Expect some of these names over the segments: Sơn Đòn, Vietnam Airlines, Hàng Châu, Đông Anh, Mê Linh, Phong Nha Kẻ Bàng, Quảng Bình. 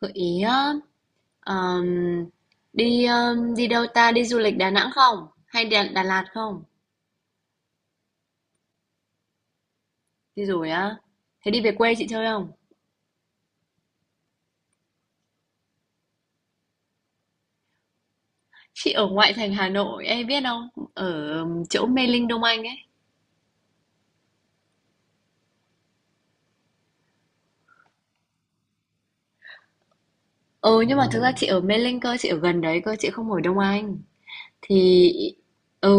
Gợi ý á, ờm, đi đâu ta? Đi du lịch Đà Nẵng không? Hay Đà Lạt không? Đi rồi á. Thế đi về quê chị chơi không? Chị ở ngoại thành Hà Nội, em biết không? Ở chỗ Mê Linh Đông Anh ấy. Ừ nhưng mà thực ra chị ở Mê Linh cơ, chị ở gần đấy cơ, chị không ở Đông Anh. Thì ừ,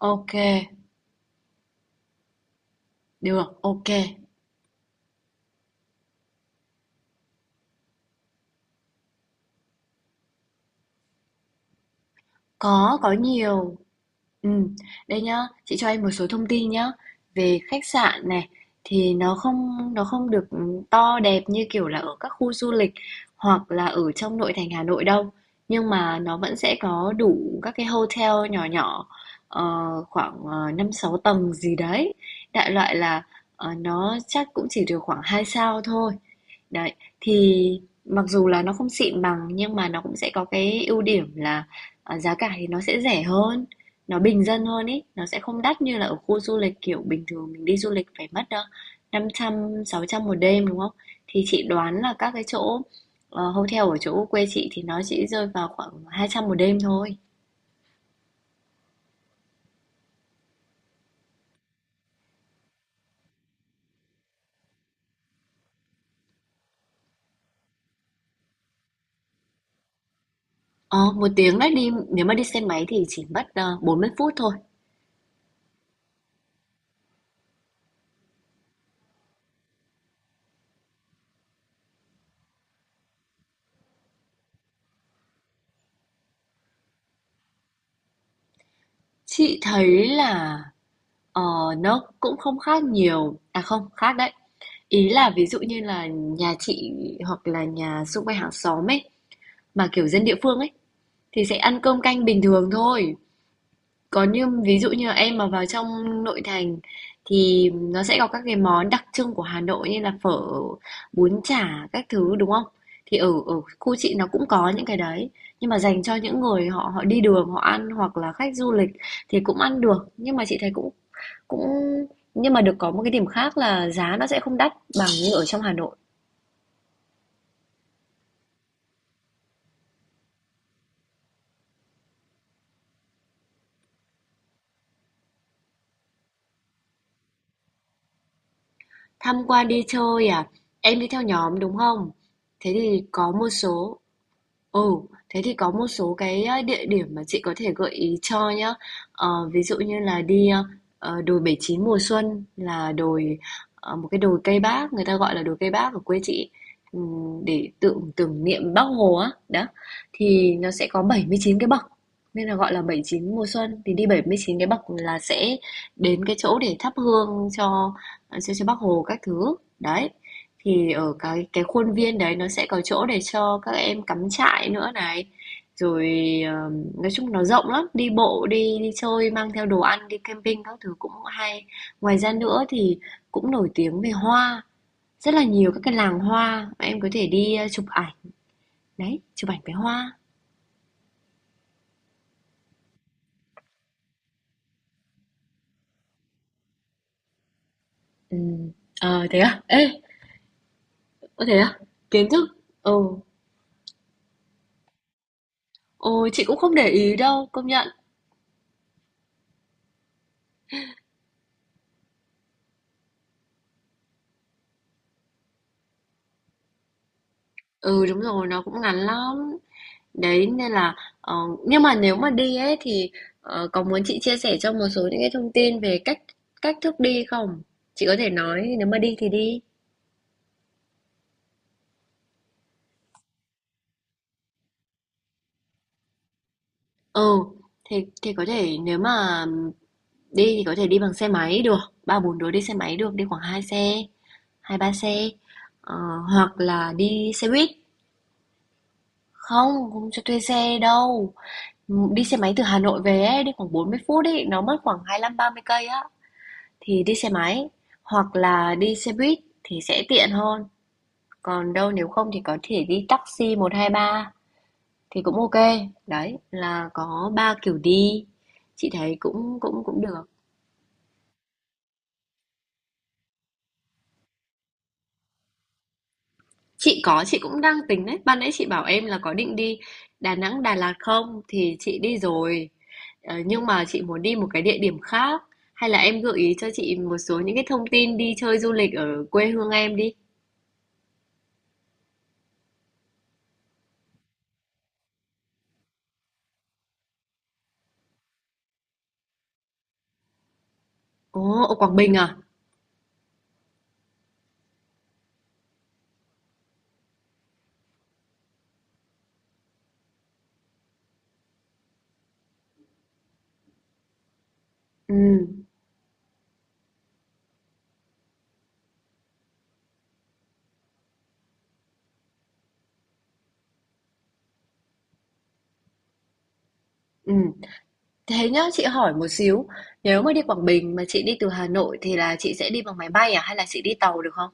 ok, được, ok. Có nhiều. Ừm, đây nhá, chị cho em một số thông tin nhá. Về khách sạn này thì nó không được to đẹp như kiểu là ở các khu du lịch hoặc là ở trong nội thành Hà Nội đâu. Nhưng mà nó vẫn sẽ có đủ các cái hotel nhỏ nhỏ, ờ, khoảng 5 6 tầng gì đấy. Đại loại là nó chắc cũng chỉ được khoảng 2 sao thôi. Đấy, thì mặc dù là nó không xịn bằng nhưng mà nó cũng sẽ có cái ưu điểm là, giá cả thì nó sẽ rẻ hơn, nó bình dân hơn ấy, nó sẽ không đắt như là ở khu du lịch. Kiểu bình thường mình đi du lịch phải mất đâu 500 600 một đêm đúng không? Thì chị đoán là các cái chỗ hotel ở chỗ quê chị thì nó chỉ rơi vào khoảng 200 một đêm thôi. Ờ, một tiếng đấy, đi nếu mà đi xe máy thì chỉ mất 40 phút thôi. Chị thấy là ờ, nó cũng không khác nhiều. À không, khác đấy. Ý là ví dụ như là nhà chị hoặc là nhà xung quanh hàng xóm ấy, mà kiểu dân địa phương ấy, thì sẽ ăn cơm canh bình thường thôi. Còn như ví dụ như là em mà vào trong nội thành thì nó sẽ có các cái món đặc trưng của Hà Nội như là phở, bún chả các thứ đúng không? Thì ở ở khu chị nó cũng có những cái đấy, nhưng mà dành cho những người họ họ đi đường họ ăn hoặc là khách du lịch thì cũng ăn được, nhưng mà chị thấy cũng cũng nhưng mà được có một cái điểm khác là giá nó sẽ không đắt bằng như ở trong Hà Nội. Tham quan đi chơi à? Em đi theo nhóm đúng không? Thế thì có một số Ừ, thế thì có một số cái địa điểm mà chị có thể gợi ý cho nhá. Ờ, ví dụ như là đi đồi 79 mùa xuân, là đồi một cái đồi cây Bác, người ta gọi là đồi cây Bác ở quê chị. Để tưởng tưởng niệm Bác Hồ á. Đó. Thì nó sẽ có 79 cái bậc, nên là gọi là 79 mùa xuân, thì đi 79 cái bậc là sẽ đến cái chỗ để thắp hương cho Bác Hồ các thứ. Đấy. Thì ở cái khuôn viên đấy nó sẽ có chỗ để cho các em cắm trại nữa này. Rồi ờ, nói chung nó rộng lắm, đi bộ, đi đi chơi, mang theo đồ ăn, đi camping các thứ cũng hay. Ngoài ra nữa thì cũng nổi tiếng về hoa, rất là nhiều các cái làng hoa mà em có thể đi chụp ảnh. Đấy, chụp ảnh với hoa. Ừ. Ờ thế à? Ê, có thế à? Kiến thức. Ừ. Ồ, chị cũng không để ý đâu, công nhận. Ừ đúng rồi, nó cũng ngắn lắm. Đấy nên là, ờ, nhưng mà nếu mà đi ấy thì có muốn chị chia sẻ cho một số những cái thông tin về cách cách thức đi không? Chị có thể nói nếu mà đi thì đi. Ừ, thì thì có thể, nếu mà đi thì có thể đi bằng xe máy được, ba bốn đứa đi xe máy được, đi khoảng hai xe, hai ba xe. Ờ, hoặc là đi xe buýt. Không, không cho thuê xe đâu. Đi xe máy từ Hà Nội về ấy, đi khoảng 40 phút ấy, nó mất khoảng 25 30 cây á. Thì đi xe máy, hoặc là đi xe buýt thì sẽ tiện hơn. Còn đâu nếu không thì có thể đi taxi, 123 thì cũng ok. Đấy, là có ba kiểu đi. Chị thấy cũng cũng cũng được. Chị có, chị cũng đang tính đấy. Ban nãy chị bảo em là có định đi Đà Nẵng, Đà Lạt không thì chị đi rồi. Ờ, nhưng mà chị muốn đi một cái địa điểm khác, hay là em gợi ý cho chị một số những cái thông tin đi chơi du lịch ở quê hương em đi. Ồ, ở Quảng Bình à? Ừ, ừ. Thế nhá, chị hỏi một xíu, nếu mà đi Quảng Bình mà chị đi từ Hà Nội thì là chị sẽ đi bằng máy bay à hay là chị đi tàu được không?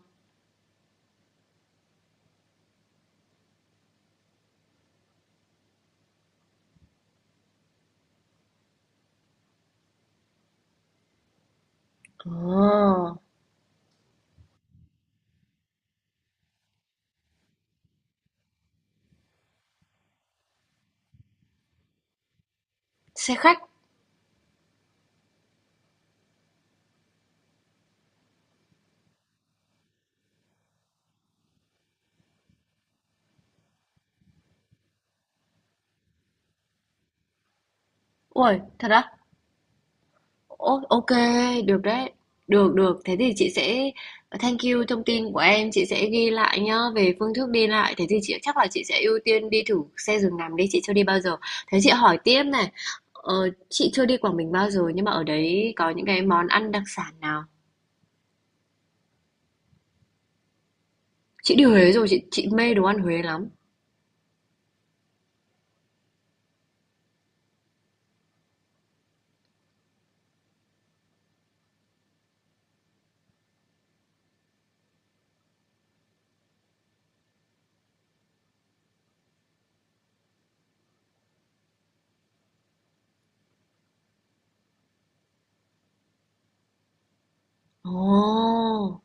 Ồ, xe khách. Ui, thật á? Ô, ok, được đấy. Được, được. Thế thì chị sẽ thank you thông tin của em, chị sẽ ghi lại nhá về phương thức đi lại. Thế thì chị chắc là chị sẽ ưu tiên đi thử xe giường nằm đi, chị chưa đi bao giờ. Thế chị hỏi tiếp này, ờ, chị chưa đi Quảng Bình bao giờ nhưng mà ở đấy có những cái món ăn đặc sản nào? Chị đi Huế rồi, chị mê đồ ăn Huế lắm. Ồ,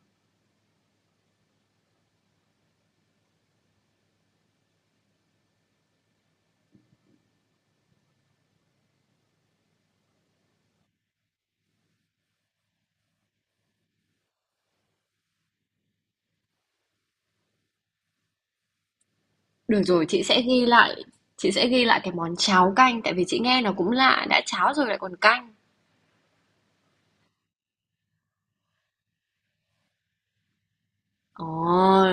được rồi, chị sẽ ghi lại, chị sẽ ghi lại cái món cháo canh tại vì chị nghe nó cũng lạ, đã cháo rồi lại còn canh. Ồ,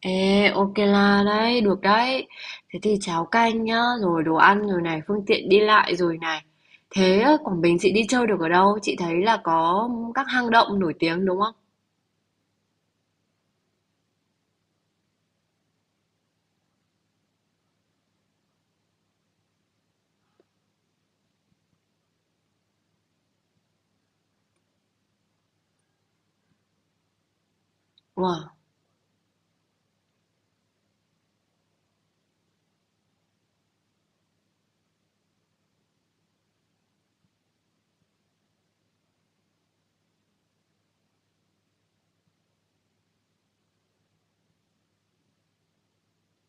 ê, ok là đấy, được đấy. Thế thì cháo canh nhá, rồi đồ ăn rồi này, phương tiện đi lại rồi này. Thế ở Quảng Bình chị đi chơi được ở đâu? Chị thấy là có các hang động nổi tiếng đúng không? Wow.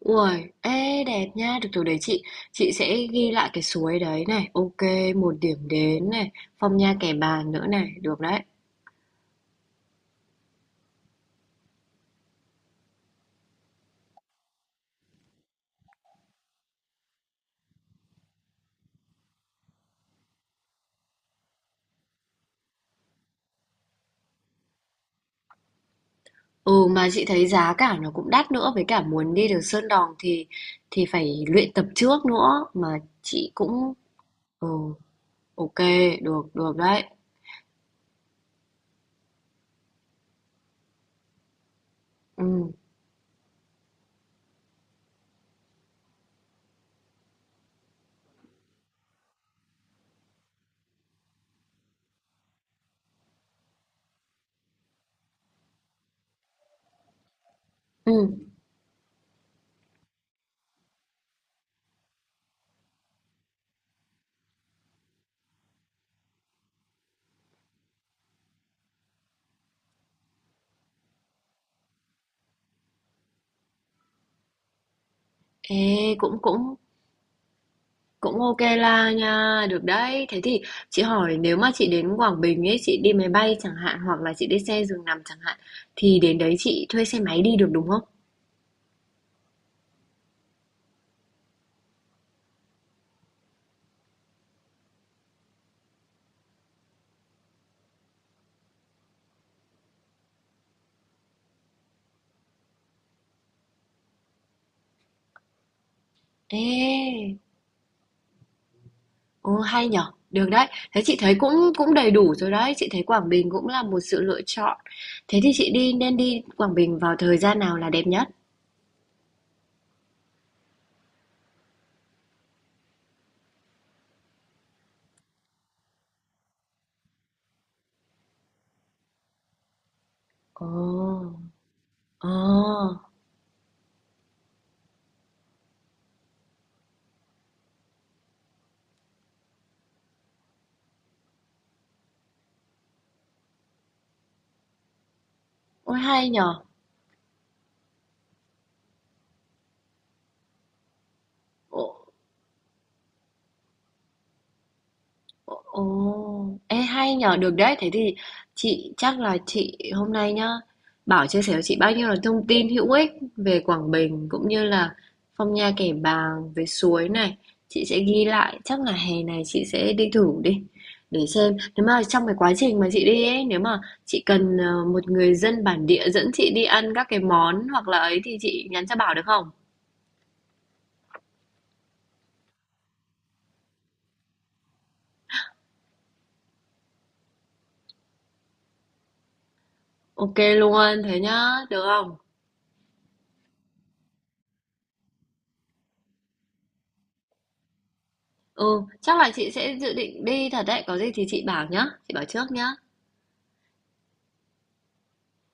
Ui, ê đẹp nha, được rồi đấy chị. Chị sẽ ghi lại cái suối đấy này. Ok, một điểm đến này, Phong Nha Kẻ Bàng nữa này, được đấy. Ừ, mà chị thấy giá cả nó cũng đắt nữa, với cả muốn đi được Sơn Đòn thì phải luyện tập trước nữa, mà chị cũng ừ, ok, được được đấy. Ừ. Ừ. Ê, cũng cũng cũng ok la nha, được đấy. Thế thì chị hỏi, nếu mà chị đến Quảng Bình ấy, chị đi máy bay chẳng hạn hoặc là chị đi xe giường nằm chẳng hạn, thì đến đấy chị thuê xe máy đi được đúng không? Ê. Ồ, hay nhở, được đấy. Thế chị thấy cũng cũng đầy đủ rồi đấy, chị thấy Quảng Bình cũng là một sự lựa chọn. Thế thì chị đi, nên đi Quảng Bình vào thời gian nào là đẹp nhất? Ồ, ồ, ôi hay nhở. Ồ, ê hay nhờ, được đấy. Thế thì chị chắc là chị hôm nay nhá, Bảo chia sẻ cho chị bao nhiêu là thông tin hữu ích về Quảng Bình cũng như là Phong Nha Kẻ Bàng, về suối này. Chị sẽ ghi lại, chắc là hè này chị sẽ đi thử đi để xem. Nếu mà trong cái quá trình mà chị đi ấy, nếu mà chị cần một người dân bản địa dẫn chị đi ăn các cái món hoặc là ấy thì chị nhắn cho Bảo được không? Ok luôn, thế nhá, được không? Ừ, chắc là chị sẽ dự định đi thật đấy, có gì thì chị bảo nhá, chị bảo trước nhá.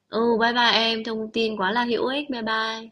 Ừ, bye bye em, thông tin quá là hữu ích, bye bye.